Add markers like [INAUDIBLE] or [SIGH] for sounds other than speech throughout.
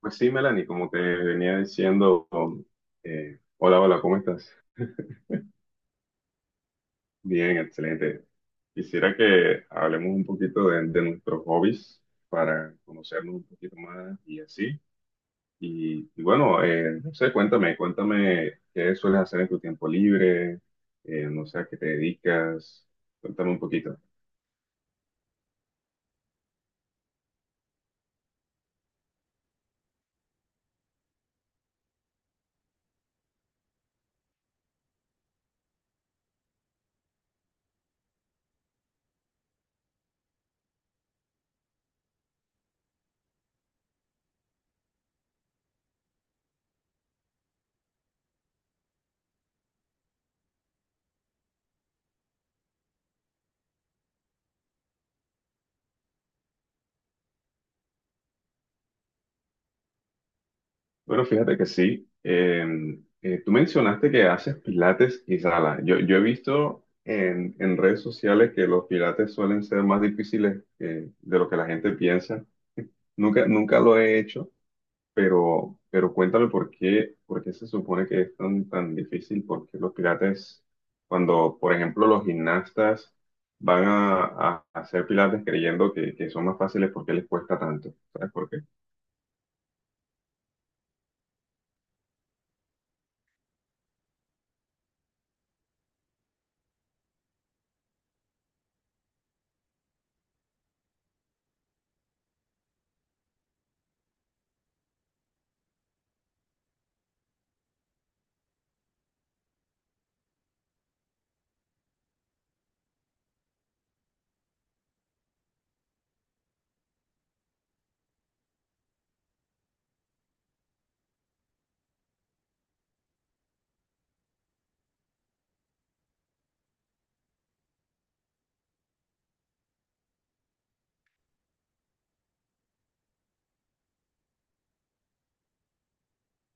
Pues sí, Melanie, como te venía diciendo, hola, hola, ¿cómo estás? Bien, excelente. Quisiera que hablemos un poquito de nuestros hobbies para conocernos un poquito más y así. Y bueno, no sé, cuéntame qué sueles hacer en tu tiempo libre, no sé a qué te dedicas, cuéntame un poquito. Bueno, fíjate que sí. Tú mencionaste que haces pilates y sala. Yo he visto en redes sociales que los pilates suelen ser más difíciles de lo que la gente piensa. Nunca lo he hecho, pero cuéntame por qué se supone que es tan difícil, por qué los pilates, cuando, por ejemplo, los gimnastas van a hacer pilates creyendo que son más fáciles. ¿Por qué les cuesta tanto? ¿Sabes por qué?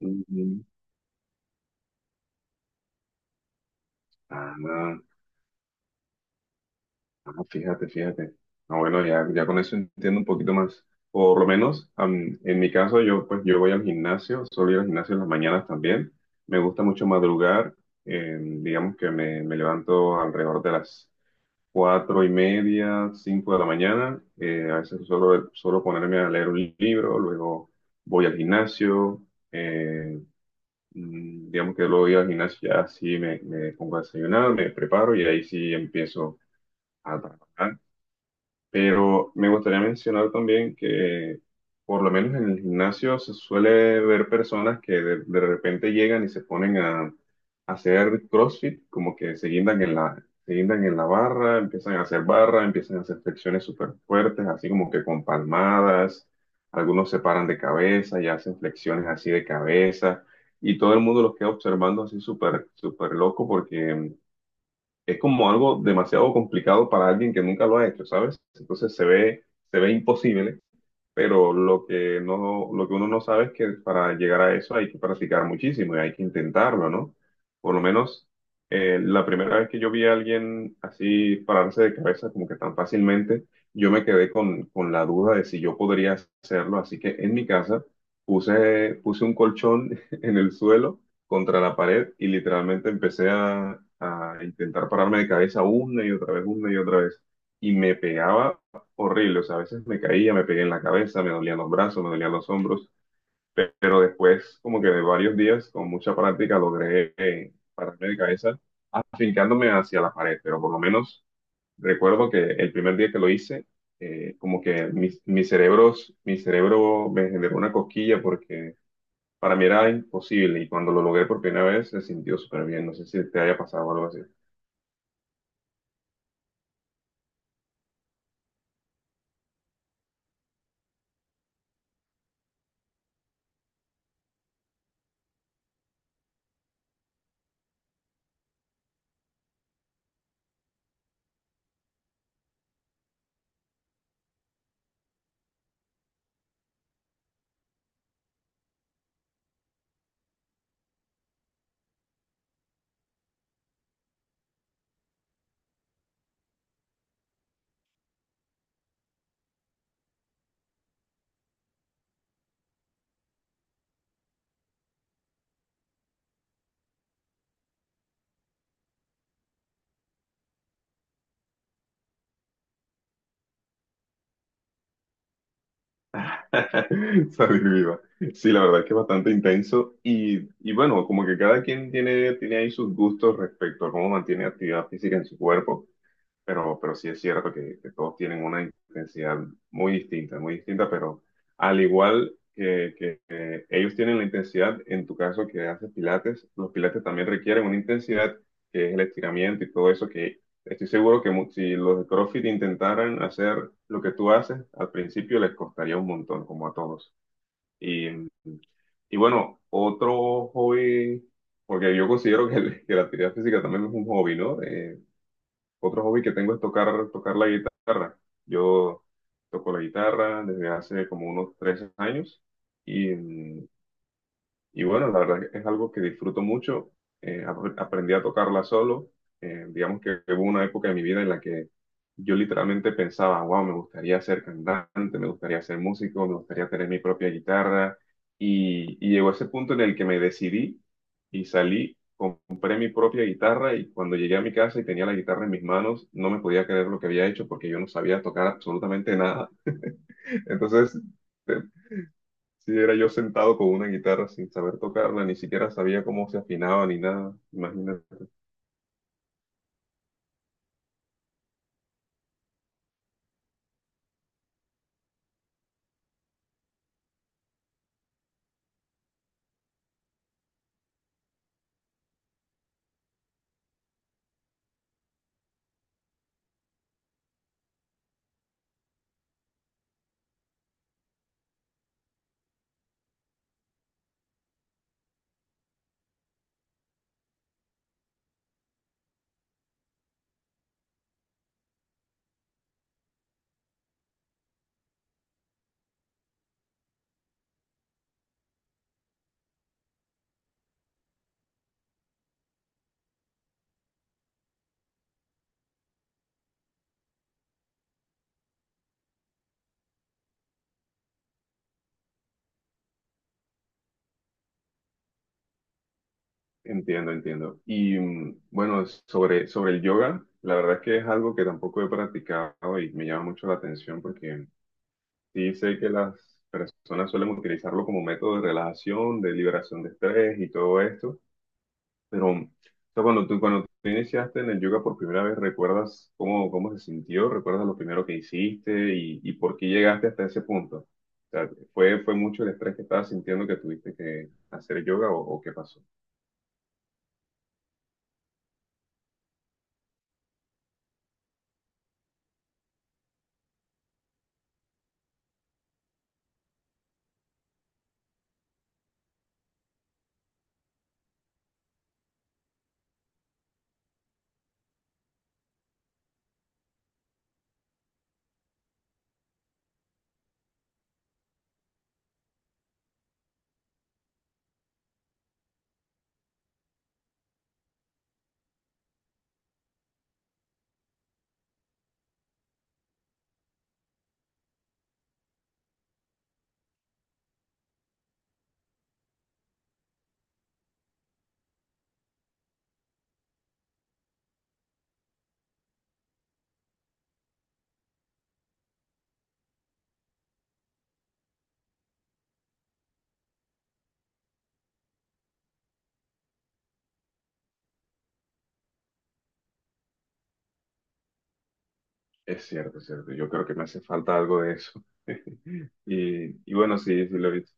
Mm, ah, no. Ah, fíjate, fíjate. Ah, bueno, ya, ya con eso entiendo un poquito más. Por lo menos, en mi caso, yo pues yo voy al gimnasio, suelo ir al gimnasio en las mañanas también. Me gusta mucho madrugar. Digamos que me levanto alrededor de las 4:30, 5 de la mañana. A veces suelo ponerme a leer un libro, luego voy al gimnasio. eh, digamos que luego voy al gimnasio, ya sí me pongo a desayunar, me preparo y ahí sí empiezo a trabajar. Pero me gustaría mencionar también que, por lo menos en el gimnasio, se suele ver personas que de repente llegan y se ponen a hacer CrossFit, como que se guindan en la barra, empiezan a hacer barra, empiezan a hacer flexiones súper fuertes, así como que con palmadas, algunos se paran de cabeza y hacen flexiones así de cabeza, y todo el mundo los queda observando así súper, súper loco porque es como algo demasiado complicado para alguien que nunca lo ha hecho, ¿sabes? Entonces se ve imposible, pero lo que uno no sabe es que para llegar a eso hay que practicar muchísimo y hay que intentarlo, ¿no? Por lo menos la primera vez que yo vi a alguien así pararse de cabeza como que tan fácilmente, yo me quedé con la duda de si yo podría hacerlo, así que en mi casa puse un colchón [LAUGHS] en el suelo contra la pared y literalmente empecé a intentar pararme de cabeza una y otra vez, una y otra vez. Y me pegaba horrible, o sea, a veces me caía, me pegué en la cabeza, me dolían los brazos, me dolían los hombros, pero después, como que de varios días, con mucha práctica, logré pararme de cabeza, afincándome hacia la pared. Pero por lo menos recuerdo que el primer día que lo hice, como que mi cerebro me generó una cosquilla porque para mí era imposible, y cuando lo logré por primera vez se sintió súper bien. No sé si te haya pasado algo así. [LAUGHS] Está viva. Sí, la verdad es que es bastante intenso y, bueno, como que cada quien tiene ahí sus gustos respecto a cómo mantiene actividad física en su cuerpo, pero sí es cierto que todos tienen una intensidad muy distinta, pero al igual que ellos tienen la intensidad, en tu caso que haces pilates, los pilates también requieren una intensidad que es el estiramiento y todo eso. Estoy seguro que si los de CrossFit intentaran hacer lo que tú haces, al principio les costaría un montón, como a todos. Y, y bueno, otro hobby, porque yo considero que la actividad física también es un hobby, ¿no? Otro hobby que tengo es tocar la guitarra. Yo toco la guitarra desde hace como unos 3 años y, bueno, la verdad que es algo que disfruto mucho. Aprendí a tocarla solo. Digamos que hubo una época de mi vida en la que yo literalmente pensaba: wow, me gustaría ser cantante, me gustaría ser músico, me gustaría tener mi propia guitarra. Y llegó ese punto en el que me decidí y salí, compré mi propia guitarra, y cuando llegué a mi casa y tenía la guitarra en mis manos, no me podía creer lo que había hecho porque yo no sabía tocar absolutamente nada. [LAUGHS] Entonces, Sí, era yo sentado con una guitarra sin saber tocarla, ni siquiera sabía cómo se afinaba ni nada. Imagínate. Entiendo, entiendo. Y bueno, sobre el yoga, la verdad es que es algo que tampoco he practicado y me llama mucho la atención porque sí sé que las personas suelen utilizarlo como método de relajación, de liberación de estrés y todo esto. Pero, o sea, cuando tú iniciaste en el yoga por primera vez, ¿recuerdas cómo se sintió? ¿Recuerdas lo primero que hiciste y, por qué llegaste hasta ese punto? O sea, ¿fue mucho el estrés que estabas sintiendo, que tuviste que hacer yoga, o qué pasó? Es cierto, es cierto. Yo creo que me hace falta algo de eso. [LAUGHS] Y bueno, sí, sí lo he visto.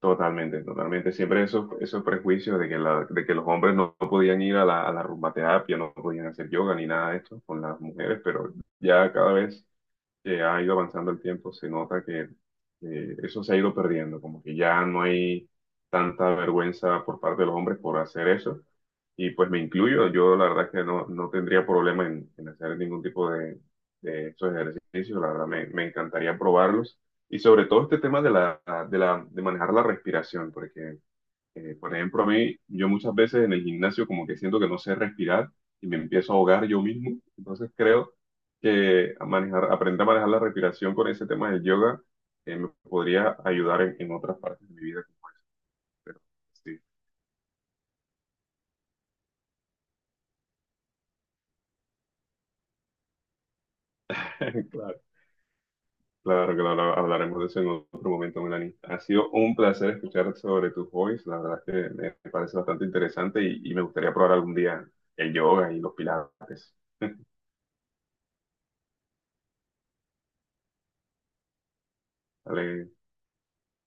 Totalmente, totalmente. Siempre esos, esos prejuicios de que los hombres no podían ir a la rumba terapia, no podían hacer yoga ni nada de esto con las mujeres. Pero ya cada vez que ha ido avanzando el tiempo, se nota que eso se ha ido perdiendo, como que ya no hay tanta vergüenza por parte de los hombres por hacer eso. Y pues me incluyo, yo la verdad que no tendría problema en hacer ningún tipo de esos ejercicios. La verdad me, encantaría probarlos. Y sobre todo este tema de manejar la respiración, porque por ejemplo, a mí, yo muchas veces en el gimnasio como que siento que no sé respirar y me empiezo a ahogar yo mismo. Entonces creo que aprender a manejar la respiración con ese tema del yoga me podría ayudar en otras partes de mi vida. Pero sí, [LAUGHS] claro, claro que lo hablaremos de eso en otro momento, Melanie. Ha sido un placer escuchar sobre tus hobbies. La verdad es que me parece bastante interesante y, me gustaría probar algún día el yoga y los pilates. Dale,